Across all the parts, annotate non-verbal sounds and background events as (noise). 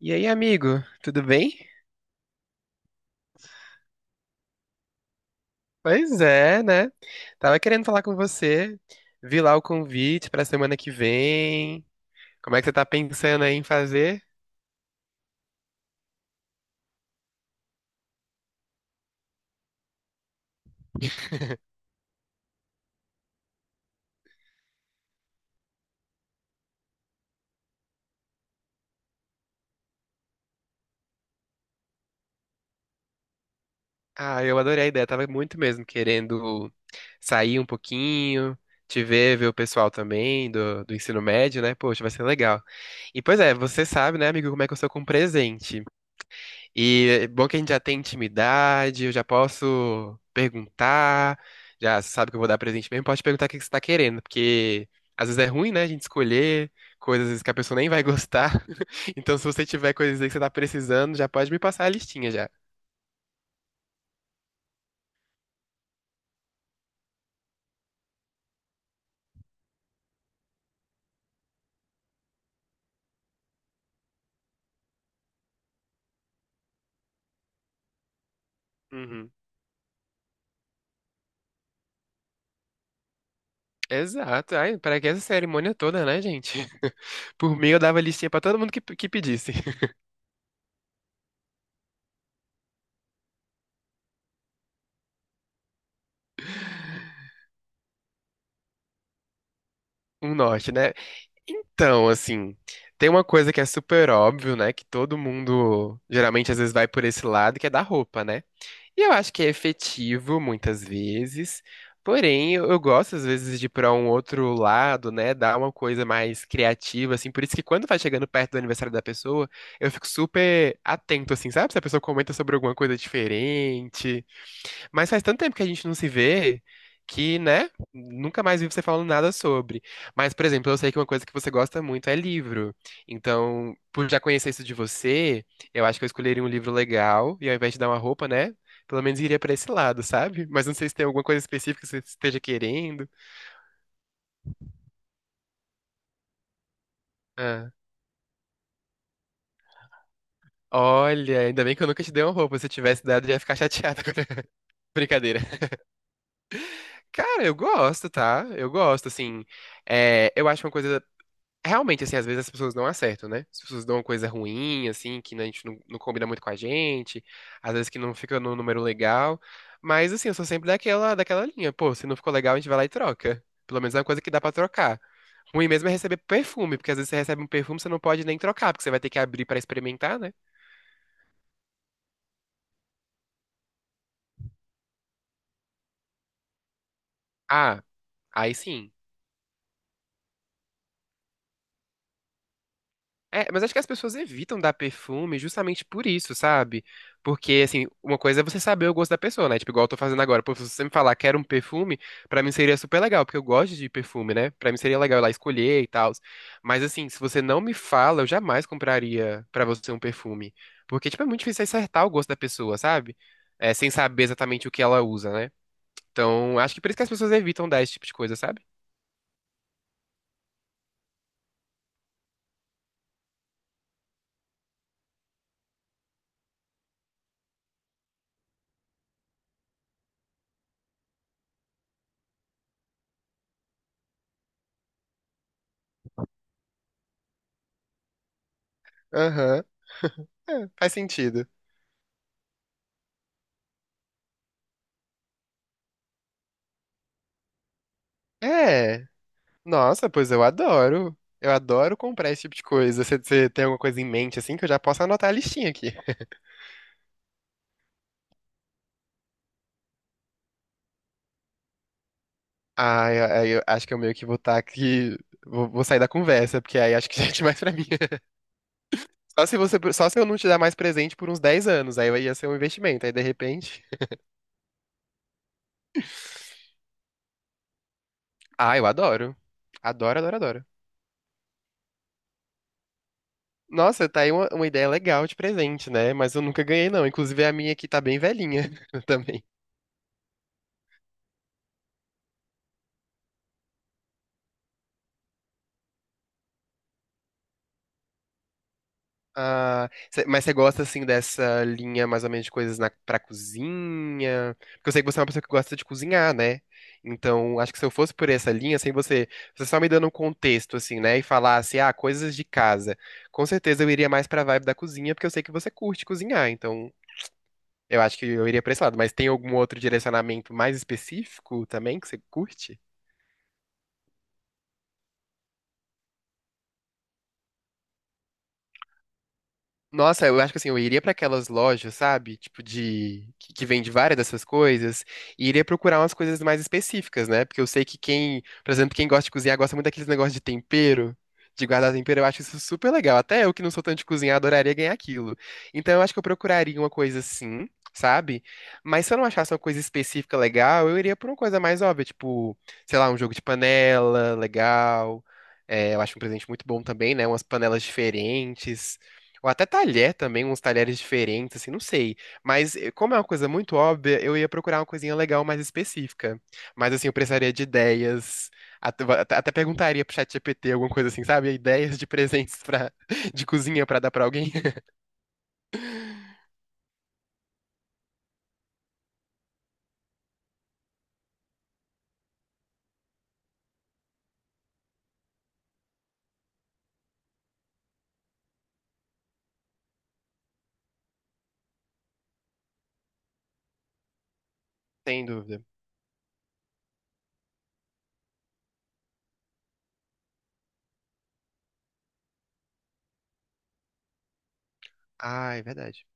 E aí, amigo, tudo bem? Pois é, né? Tava querendo falar com você. Vi lá o convite pra semana que vem. Como é que você tá pensando aí em fazer? Ah, eu adorei a ideia. Tava muito mesmo querendo sair um pouquinho, te ver, ver o pessoal também do ensino médio, né? Poxa, vai ser legal. E pois é, você sabe, né, amigo, como é que eu sou com presente. E é bom que a gente já tem intimidade, eu já posso perguntar, já sabe que eu vou dar presente mesmo, pode perguntar o que que você tá querendo, porque às vezes é ruim, né, a gente escolher coisas às vezes, que a pessoa nem vai gostar. (laughs) Então, se você tiver coisas aí que você tá precisando, já pode me passar a listinha já. Uhum. Exato. Ai, para que essa cerimônia toda, né, gente? (laughs) Por mim, eu dava listinha pra todo mundo que pedisse. (laughs) Um norte, né? Então, assim, tem uma coisa que é super óbvio, né? Que todo mundo geralmente às vezes vai por esse lado, que é da roupa, né? E eu acho que é efetivo muitas vezes. Porém, eu gosto às vezes de ir pra um outro lado, né? Dar uma coisa mais criativa, assim. Por isso que quando vai chegando perto do aniversário da pessoa, eu fico super atento, assim, sabe? Se a pessoa comenta sobre alguma coisa diferente. Mas faz tanto tempo que a gente não se vê que, né, nunca mais vi você falando nada sobre. Mas, por exemplo, eu sei que uma coisa que você gosta muito é livro. Então, por já conhecer isso de você, eu acho que eu escolheria um livro legal e ao invés de dar uma roupa, né, pelo menos iria pra esse lado, sabe? Mas não sei se tem alguma coisa específica que você esteja querendo. Ah, olha, ainda bem que eu nunca te dei uma roupa. Se eu tivesse dado, eu ia ficar chateada. (laughs) Brincadeira. Cara, eu gosto, tá? Eu gosto, assim. É, eu acho uma coisa realmente, assim, às vezes as pessoas não acertam, né? As pessoas dão uma coisa ruim, assim, que né, a gente não, não combina muito com a gente, às vezes que não fica no número legal. Mas, assim, eu sou sempre daquela linha. Pô, se não ficou legal, a gente vai lá e troca. Pelo menos é uma coisa que dá pra trocar. Ruim mesmo é receber perfume, porque às vezes você recebe um perfume, você não pode nem trocar, porque você vai ter que abrir pra experimentar, né? Ah, aí sim. É, mas acho que as pessoas evitam dar perfume justamente por isso, sabe? Porque, assim, uma coisa é você saber o gosto da pessoa, né? Tipo, igual eu tô fazendo agora. Pô, se você me falar, quero um perfume, pra mim seria super legal, porque eu gosto de perfume, né? Pra mim seria legal ir lá escolher e tal. Mas, assim, se você não me fala, eu jamais compraria pra você um perfume. Porque, tipo, é muito difícil acertar o gosto da pessoa, sabe? É, sem saber exatamente o que ela usa, né? Então, acho que por isso que as pessoas evitam dar esse tipo de coisa, sabe? Aham, é, faz sentido. É. Nossa, pois eu adoro. Eu adoro comprar esse tipo de coisa. Você tem alguma coisa em mente, assim, que eu já posso anotar a listinha aqui. Ah, eu, aí eu acho que eu meio que vou estar aqui. Vou sair da conversa, porque aí acho que (laughs) já é demais pra mim. (laughs) Só se eu não te dar mais presente por uns 10 anos, aí ia ser um investimento. Aí de repente. Ah, eu adoro. Adoro, adoro, adoro. Nossa, tá aí uma ideia legal de presente, né? Mas eu nunca ganhei, não. Inclusive a minha aqui tá bem velhinha (laughs) também. Ah, mas você gosta assim dessa linha mais ou menos de coisas pra cozinha? Porque eu sei que você é uma pessoa que gosta de cozinhar, né? Então, acho que se eu fosse por essa linha, assim, você só me dando um contexto, assim, né? E falasse, ah, coisas de casa. Com certeza eu iria mais pra vibe da cozinha, porque eu sei que você curte cozinhar. Então, eu acho que eu iria pra esse lado. Mas tem algum outro direcionamento mais específico também que você curte? Nossa, eu acho que assim, eu iria pra aquelas lojas, sabe? Tipo de que vende várias dessas coisas e iria procurar umas coisas mais específicas, né? Porque eu sei que quem, por exemplo, quem gosta de cozinhar gosta muito daqueles negócios de tempero, de guardar tempero, eu acho isso super legal. Até eu que não sou tanto de cozinhar, adoraria ganhar aquilo. Então eu acho que eu procuraria uma coisa assim, sabe? Mas se eu não achasse uma coisa específica legal, eu iria por uma coisa mais óbvia, tipo, sei lá, um jogo de panela legal. É, eu acho um presente muito bom também, né? Umas panelas diferentes. Ou até talher também, uns talheres diferentes, assim, não sei. Mas eh, como é uma coisa muito óbvia, eu ia procurar uma coisinha legal mais específica. Mas assim, eu precisaria de ideias. Até perguntaria pro ChatGPT alguma coisa assim, sabe? Ideias de presentes pra, (laughs) de cozinha pra dar pra alguém. (laughs) Sem dúvida. Ah, é verdade.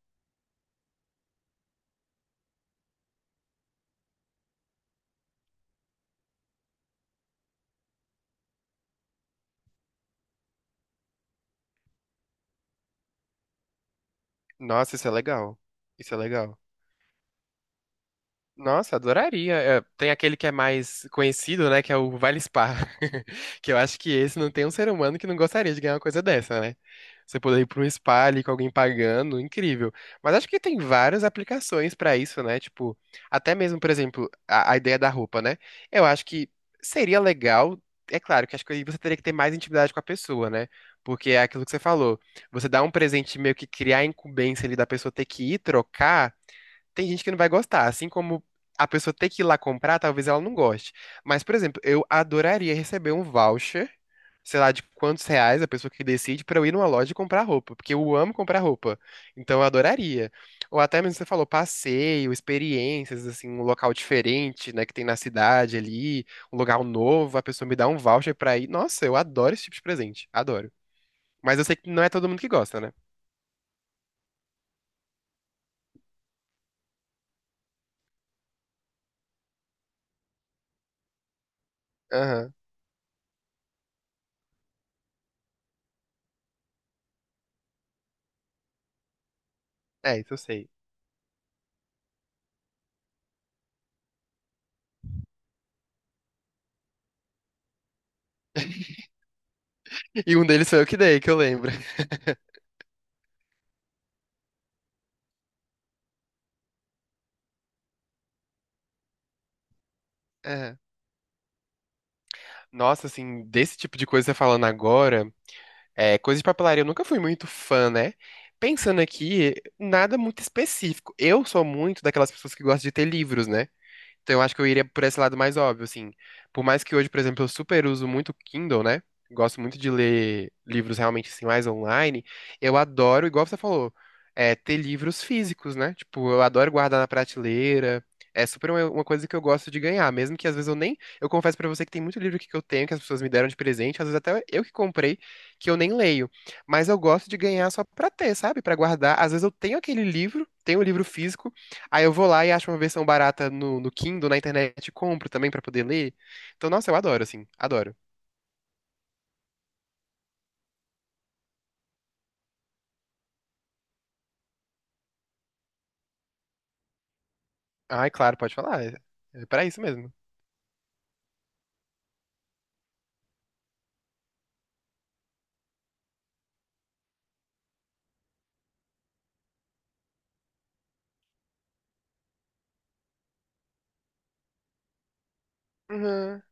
Nossa, isso é legal. Isso é legal. Nossa, adoraria. É, tem aquele que é mais conhecido, né? Que é o Vale Spa. (laughs) Que eu acho que esse não tem um ser humano que não gostaria de ganhar uma coisa dessa, né? Você poder ir para um spa ali com alguém pagando, incrível. Mas acho que tem várias aplicações para isso, né? Tipo, até mesmo, por exemplo, a ideia da roupa, né? Eu acho que seria legal. É claro que acho que aí você teria que ter mais intimidade com a pessoa, né? Porque é aquilo que você falou. Você dá um presente e meio que criar a incumbência ali da pessoa ter que ir trocar. Tem gente que não vai gostar, assim como a pessoa ter que ir lá comprar, talvez ela não goste. Mas, por exemplo, eu adoraria receber um voucher, sei lá, de quantos reais a pessoa que decide pra eu ir numa loja e comprar roupa, porque eu amo comprar roupa. Então eu adoraria. Ou até mesmo você falou passeio, experiências, assim, um local diferente, né, que tem na cidade ali, um lugar novo, a pessoa me dá um voucher pra ir. Nossa, eu adoro esse tipo de presente, adoro. Mas eu sei que não é todo mundo que gosta, né? Aham. É, isso eu sei. (laughs) E um deles foi eu que dei, que eu lembro. (laughs) É. Nossa, assim, desse tipo de coisa falando agora, é, coisa de papelaria, eu nunca fui muito fã, né? Pensando aqui, nada muito específico. Eu sou muito daquelas pessoas que gostam de ter livros, né? Então eu acho que eu iria por esse lado mais óbvio, assim. Por mais que hoje, por exemplo, eu super uso muito Kindle, né? Gosto muito de ler livros realmente assim mais online. Eu adoro, igual você falou, é, ter livros físicos, né? Tipo, eu adoro guardar na prateleira. É super uma coisa que eu gosto de ganhar, mesmo que às vezes eu nem, eu confesso pra você que tem muito livro aqui que eu tenho que as pessoas me deram de presente, às vezes até eu que comprei, que eu nem leio, mas eu gosto de ganhar só pra ter, sabe? Pra guardar. Às vezes eu tenho aquele livro, tenho o livro físico. Aí eu vou lá e acho uma versão barata no Kindle, na internet, e compro também pra poder ler. Então, nossa, eu adoro, assim, adoro. Ah, é claro, pode falar. É, é pra isso mesmo. Uhum.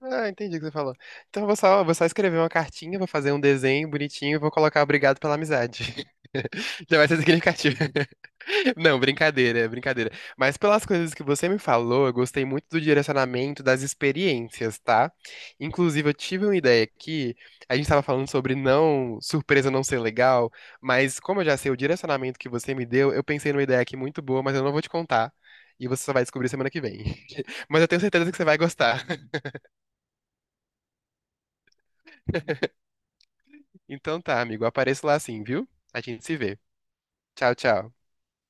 Ah, entendi o que você falou. Então eu vou só escrever uma cartinha, vou fazer um desenho bonitinho e vou colocar obrigado pela amizade. (laughs) Já vai ser significativo. Não, brincadeira, é brincadeira. Mas pelas coisas que você me falou, eu gostei muito do direcionamento das experiências, tá? Inclusive, eu tive uma ideia aqui, a gente estava falando sobre não, surpresa não ser legal, mas como eu já sei o direcionamento que você me deu, eu pensei numa ideia aqui muito boa, mas eu não vou te contar. E você só vai descobrir semana que vem. (laughs) Mas eu tenho certeza que você vai gostar. (laughs) Então tá, amigo, apareço lá sim, viu? A gente se vê. Tchau, tchau.